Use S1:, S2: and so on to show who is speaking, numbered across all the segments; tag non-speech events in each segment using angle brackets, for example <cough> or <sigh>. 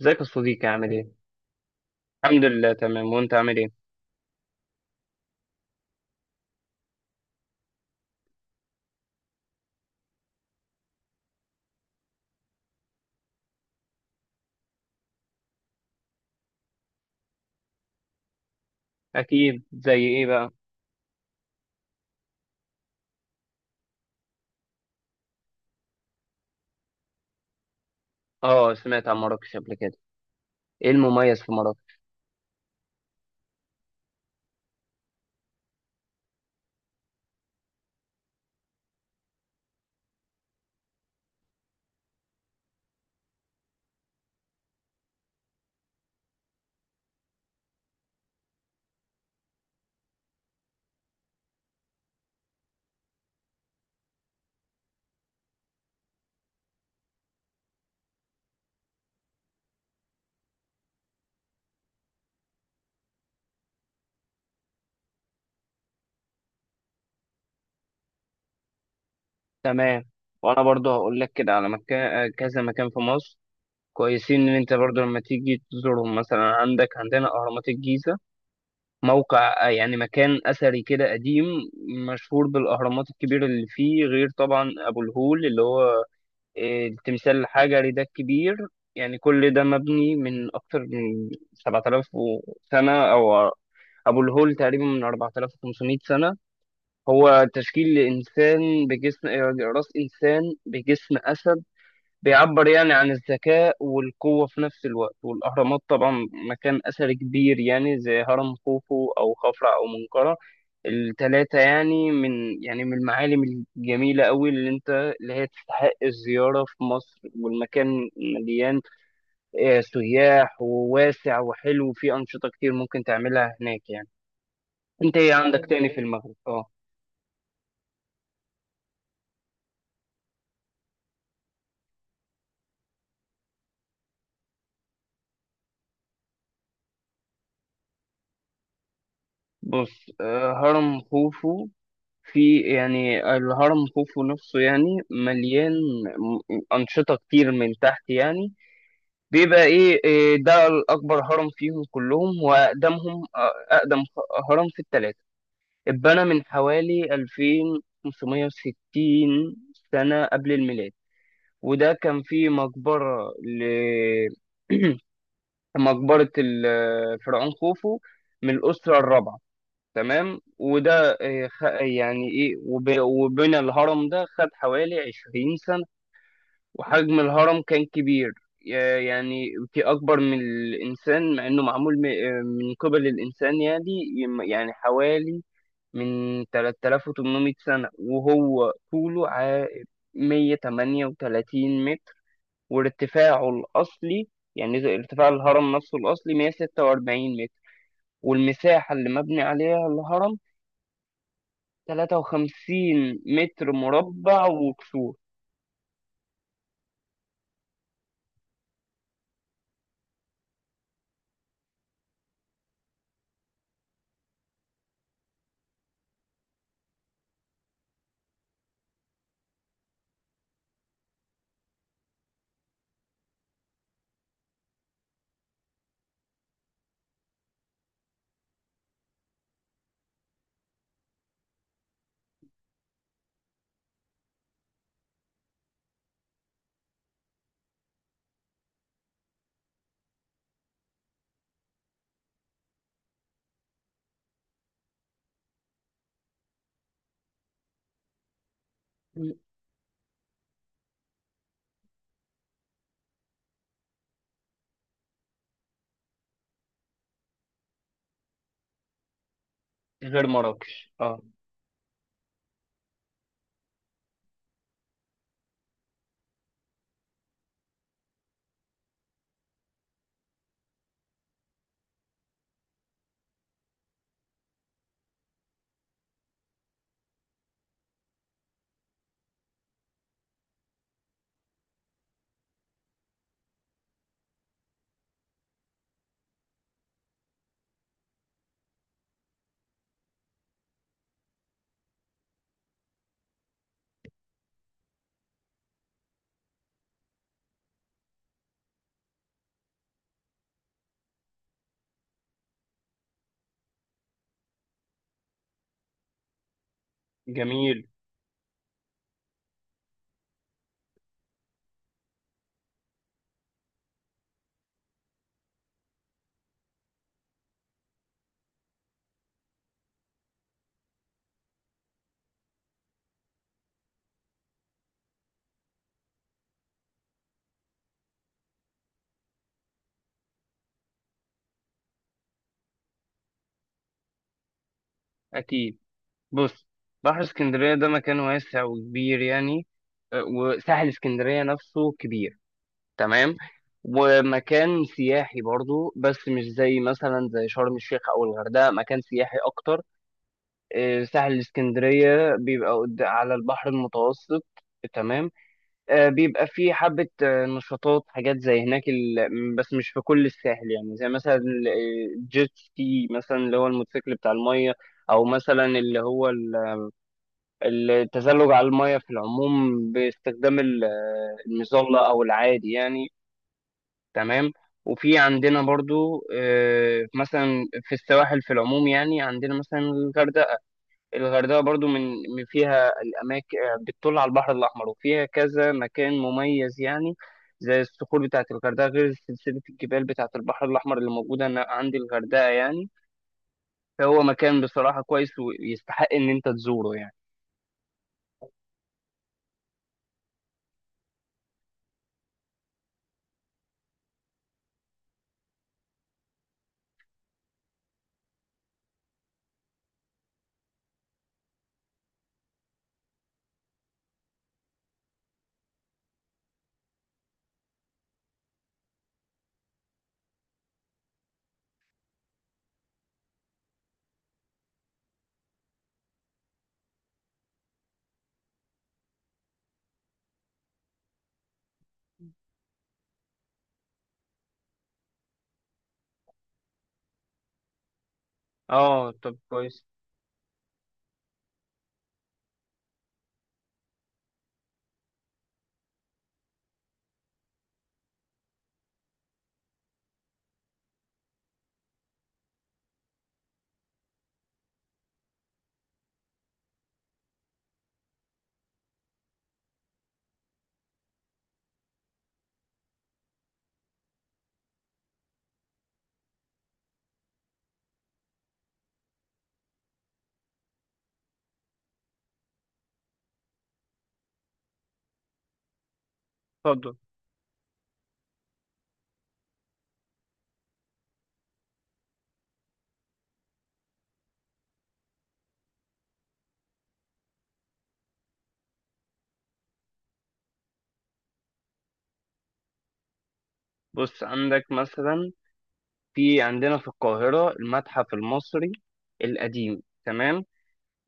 S1: ازيك يا صديقي، عامل ايه؟ الحمد لله تمام، وانت عامل ايه؟ اكيد، زي ايه بقى؟ اه، سمعت عن مراكش قبل كده. ايه المميز في مراكش؟ تمام. وانا برضو هقول لك كده على مكان، كذا مكان في مصر كويسين ان انت برضو لما تيجي تزورهم. مثلا عندنا اهرامات الجيزة، موقع يعني مكان اثري كده قديم، مشهور بالاهرامات الكبيرة اللي فيه، غير طبعا ابو الهول اللي هو التمثال الحجري ده الكبير. يعني كل ده مبني من أكتر من 7000 سنة، أو أبو الهول تقريبا من 4500 سنة. هو تشكيل إنسان بجسم آه، رأس إنسان بجسم أسد، بيعبر يعني عن الذكاء والقوة في نفس الوقت. والأهرامات طبعا مكان أثري كبير، يعني زي هرم خوفو أو خفرع أو منقرع، التلاتة. يعني من المعالم الجميلة أوي، اللي هي تستحق الزيارة في مصر. والمكان مليان سياح، وواسع وحلو، وفيه أنشطة كتير ممكن تعملها هناك يعني. أنت إيه عندك تاني في المغرب؟ أه. بص، هرم خوفو، في يعني الهرم خوفو نفسه يعني مليان م- أنشطة كتير من تحت يعني. بيبقى إيه إيه ده الأكبر، هرم فيهم كلهم وأقدمهم، أقدم هرم في التلاتة. اتبنى من حوالي 2560 سنة قبل الميلاد، وده كان فيه مقبرة ل <clears throat> مقبرة الفرعون خوفو، من الأسرة الرابعة. تمام. وده يعني ايه، وبنى الهرم ده خد حوالي 20 سنة. وحجم الهرم كان كبير، يعني في أكبر من الإنسان، مع إنه معمول من قبل الإنسان يعني. يعني حوالي من 3800 سنة. وهو طوله 138 متر، وارتفاعه الأصلي، يعني زي ارتفاع الهرم نفسه الأصلي، 146 متر. والمساحة اللي مبني عليها الهرم 53 متر مربع وكسور. غير مراكش، اه. جميل. اكيد. بص، بحر اسكندريه ده مكان واسع وكبير يعني، وساحل اسكندريه نفسه كبير. تمام. ومكان سياحي برضو، بس مش زي مثلا زي شرم الشيخ او الغردقه، مكان سياحي اكتر. ساحل اسكندريه بيبقى على البحر المتوسط. تمام. بيبقى فيه حبة نشاطات، حاجات زي هناك ال... بس مش في كل الساحل يعني، زي مثلا الجيت سكي مثلا، اللي هو الموتوسيكل بتاع المية. أو مثلا اللي هو التزلج على المية في العموم، باستخدام المظلة أو العادي يعني. تمام. وفي عندنا برضو مثلا في السواحل في العموم، يعني عندنا مثلا الغردقة. الغردقة برضو من فيها الأماكن بتطل على البحر الأحمر، وفيها كذا مكان مميز يعني، زي الصخور بتاعة الغردقة، غير سلسلة الجبال بتاعة البحر الأحمر اللي موجودة هنا عند الغردقة يعني. فهو مكان بصراحة كويس ويستحق إن أنت تزوره يعني. اه، طب كويس. اتفضل. بص، عندك مثلا، في عندنا في القاهرة المتحف المصري القديم. تمام.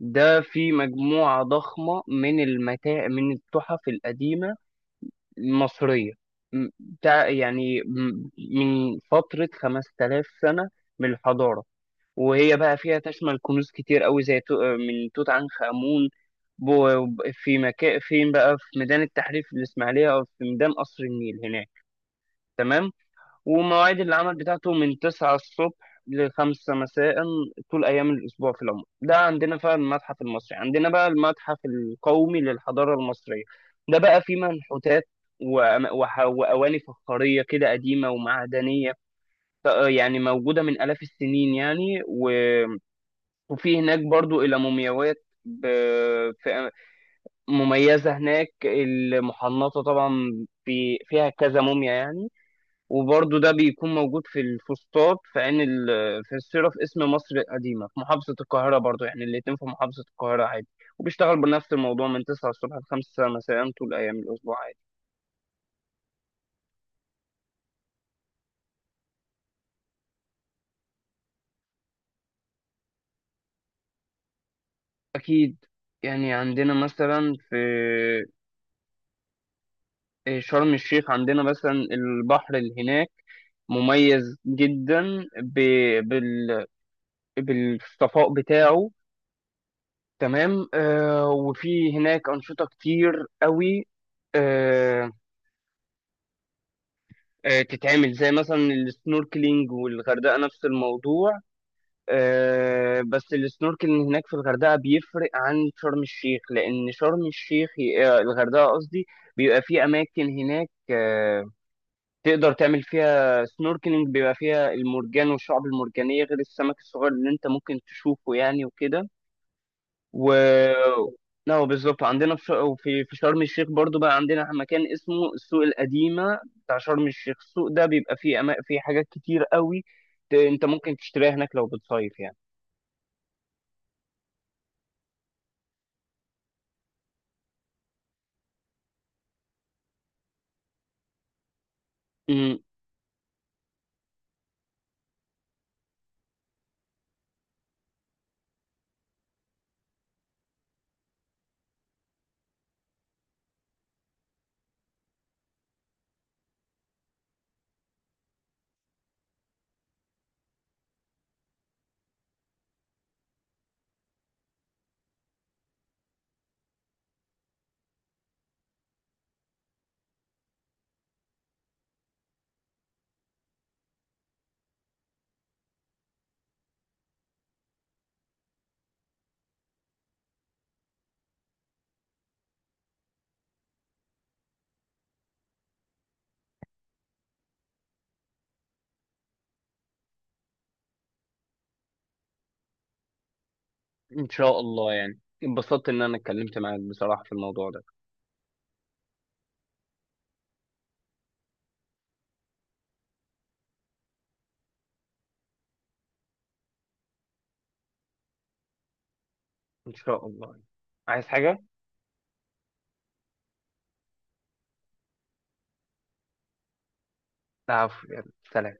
S1: ده في مجموعة ضخمة من المتاع من التحف القديمة مصرية، م- تع- يعني م- من فترة 5000 سنة من الحضارة. وهي بقى فيها تشمل كنوز كتير قوي، زي من توت عنخ آمون. في مكان فين بقى؟ في ميدان التحرير في الإسماعيلية، أو في ميدان قصر النيل هناك. تمام. ومواعيد العمل بتاعته من 9 الصبح لخمسة مساء طول أيام الأسبوع في العموم، ده عندنا فعلا المتحف المصري. عندنا بقى المتحف القومي للحضارة المصرية، ده بقى فيه منحوتات، وأواني فخارية كده قديمة ومعدنية، يعني موجودة من آلاف السنين يعني. وفي هناك برضو إلى مومياوات ب- في- مميزة هناك المحنطة طبعا، في فيها كذا موميا يعني. وبرضه ده بيكون موجود في الفسطاط، في عين في الصيرة، في اسم مصر القديمة في محافظة القاهرة، برضه يعني الاتنين في محافظة القاهرة عادي. وبيشتغل بنفس الموضوع من 9 الصبح ل 5 مساء طول أيام الأسبوع عادي. أكيد. يعني عندنا مثلا في شرم الشيخ، عندنا مثلا البحر اللي هناك مميز جدا ب... بال... بالصفاء بتاعه. تمام. آه، وفي هناك أنشطة كتير قوي، تتعمل زي مثلا السنوركلينج. والغردقة نفس الموضوع. بس السنوركلينج هناك في الغردقة بيفرق عن شرم الشيخ، لأن شرم الشيخ، الغردقة قصدي، بيبقى في أماكن هناك تقدر تعمل فيها سنوركلينج، بيبقى فيها المرجان والشعب المرجانية، غير السمك الصغير اللي أنت ممكن تشوفه يعني وكده. و... لا، بالظبط. عندنا في في شرم الشيخ برضو بقى عندنا مكان اسمه السوق القديمة بتاع شرم الشيخ. السوق ده بيبقى فيه أما... فيه حاجات كتير قوي انت ممكن تشتريها هناك لو بتصيف يعني. امم. ان شاء الله. يعني اتبسطت ان انا اتكلمت معاك بصراحة في الموضوع ده. ان شاء الله. عايز حاجة؟ العفو. يلا، سلام.